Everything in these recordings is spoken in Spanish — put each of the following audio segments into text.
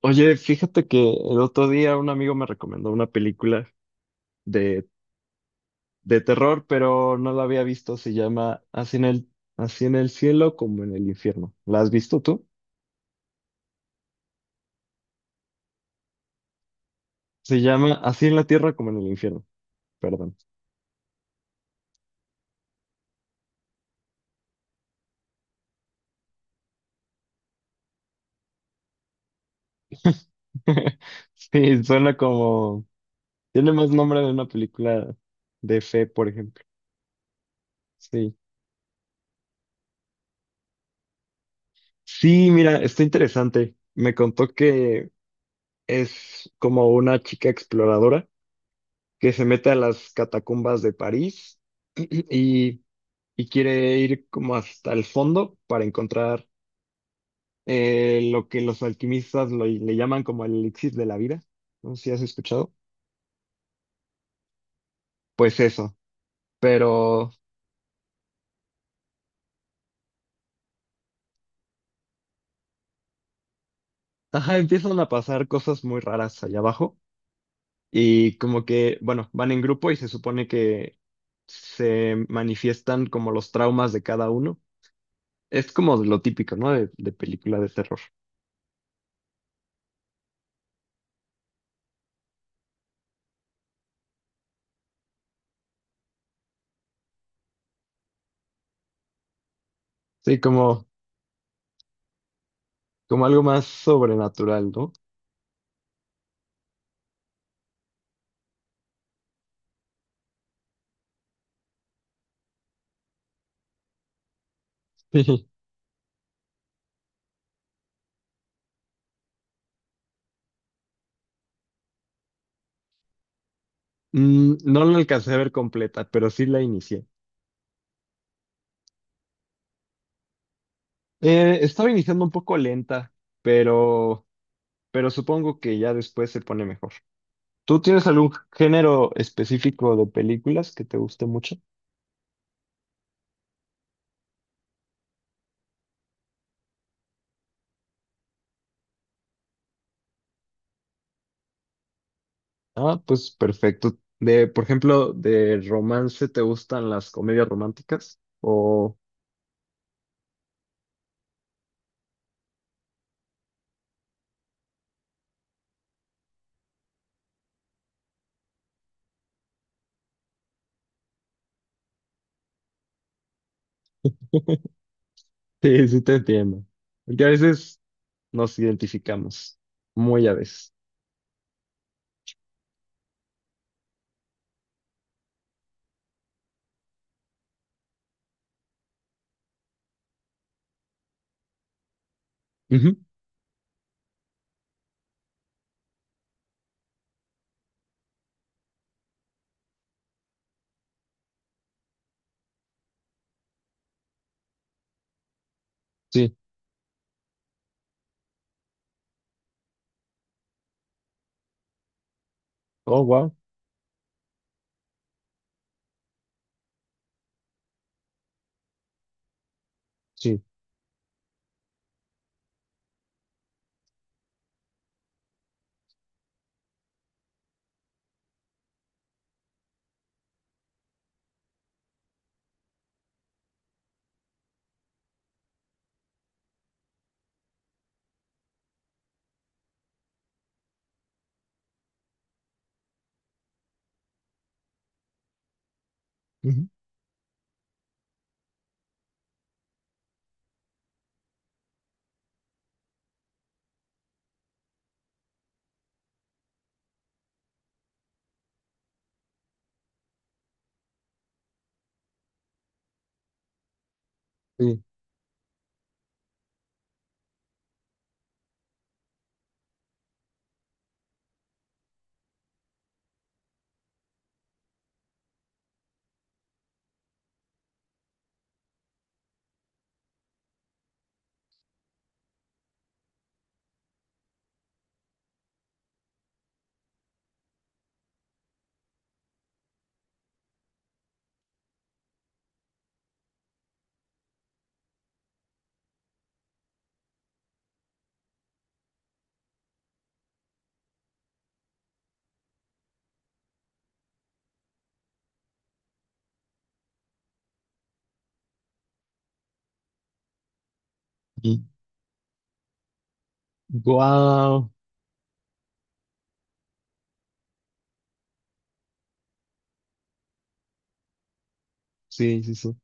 Oye, fíjate que el otro día un amigo me recomendó una película de, de terror, pero no la había visto. Se llama Así en el cielo como en el infierno. ¿La has visto tú? Se llama Así en la tierra como en el infierno. Perdón. Sí, suena como... Tiene más nombre de una película de fe, por ejemplo. Sí. Sí, mira, está interesante. Me contó que es como una chica exploradora que se mete a las catacumbas de París y y quiere ir como hasta el fondo para encontrar lo que los alquimistas le llaman como el elixir de la vida. No sé si has escuchado. Pues eso, pero ajá, empiezan a pasar cosas muy raras allá abajo y como que, bueno, van en grupo y se supone que se manifiestan como los traumas de cada uno. Es como lo típico, ¿no? De película de terror. Sí, como, como algo más sobrenatural, ¿no? Mm, no la alcancé a ver completa, pero sí la inicié. Estaba iniciando un poco lenta, pero, pero supongo que ya después se pone mejor. ¿Tú tienes algún género específico de películas que te guste mucho? Ah, pues perfecto. De, por ejemplo, de romance, ¿te gustan las comedias románticas? O sí, sí te entiendo. Porque a veces nos identificamos, muy a veces. Ujú. Sí. Oh, wow. Sí. Ujú. Sí. Y- Guau. Sí, sí, sí.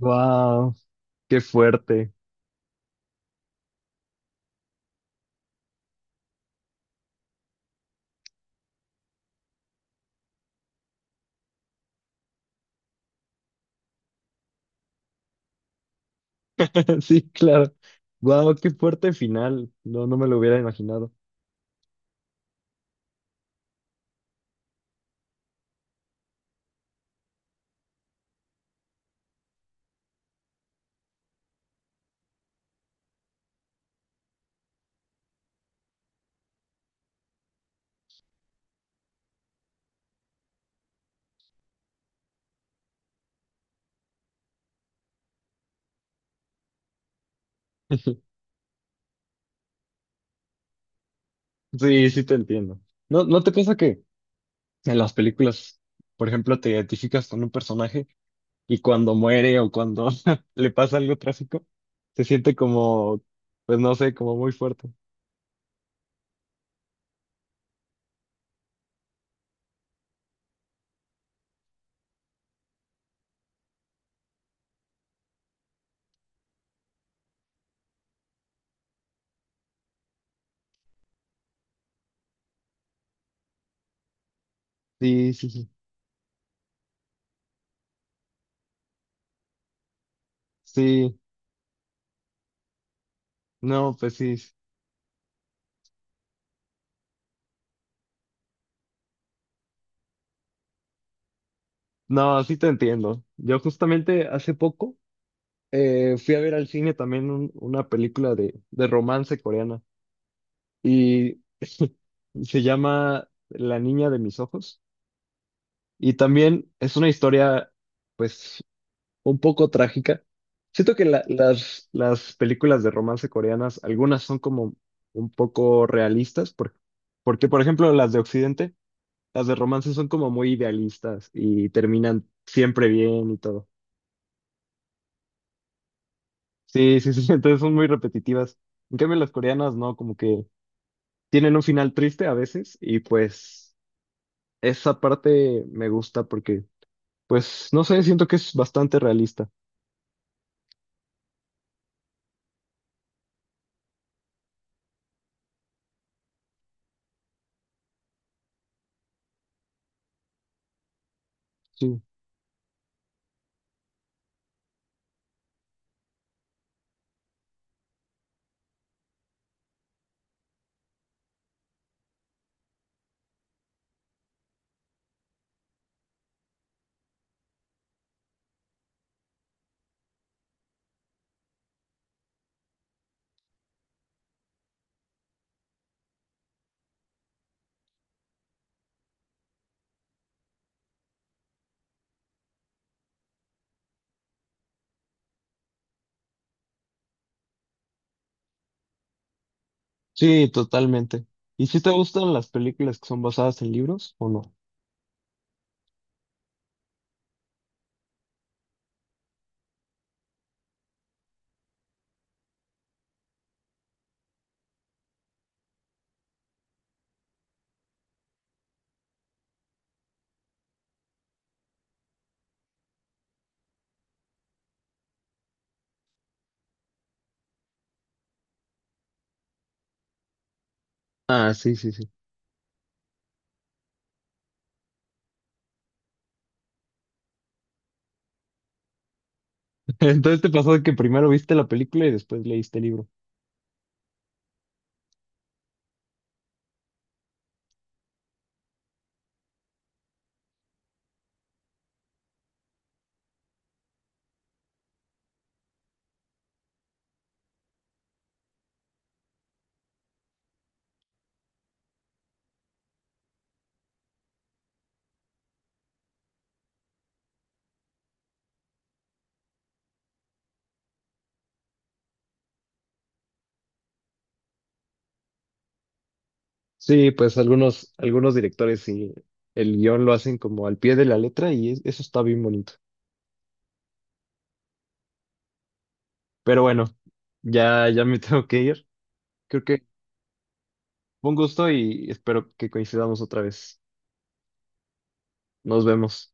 Wow. Qué fuerte. Sí, claro. Wow, qué fuerte final. No, no me lo hubiera imaginado. Sí, sí te entiendo. ¿No, no te pasa que en las películas, por ejemplo, te identificas con un personaje y cuando muere o cuando le pasa algo trágico, se siente como, pues no sé, como muy fuerte? Sí, sí, sí. Sí, no, pues sí. No, sí te entiendo. Yo justamente hace poco fui a ver al cine también una película de romance coreana. Y se llama La niña de mis ojos. Y también es una historia, pues, un poco trágica. Siento que las películas de romance coreanas, algunas son como un poco realistas, porque, por ejemplo, las de Occidente, las de romance son como muy idealistas y terminan siempre bien y todo. Sí, sí, sí, entonces son muy repetitivas. En cambio, las coreanas no, como que tienen un final triste a veces. Y pues esa parte me gusta porque, pues, no sé, siento que es bastante realista. Sí, sí, totalmente. ¿Y si te gustan las películas que son basadas en libros o no? Ah, sí, sí, sí. Entonces te pasó que primero viste la película y después leíste el libro. Sí, pues algunos, algunos directores sí, el guión lo hacen como al pie de la letra y eso está bien bonito. Pero bueno, ya, ya me tengo que ir. Creo que fue un gusto y espero que coincidamos otra vez. Nos vemos.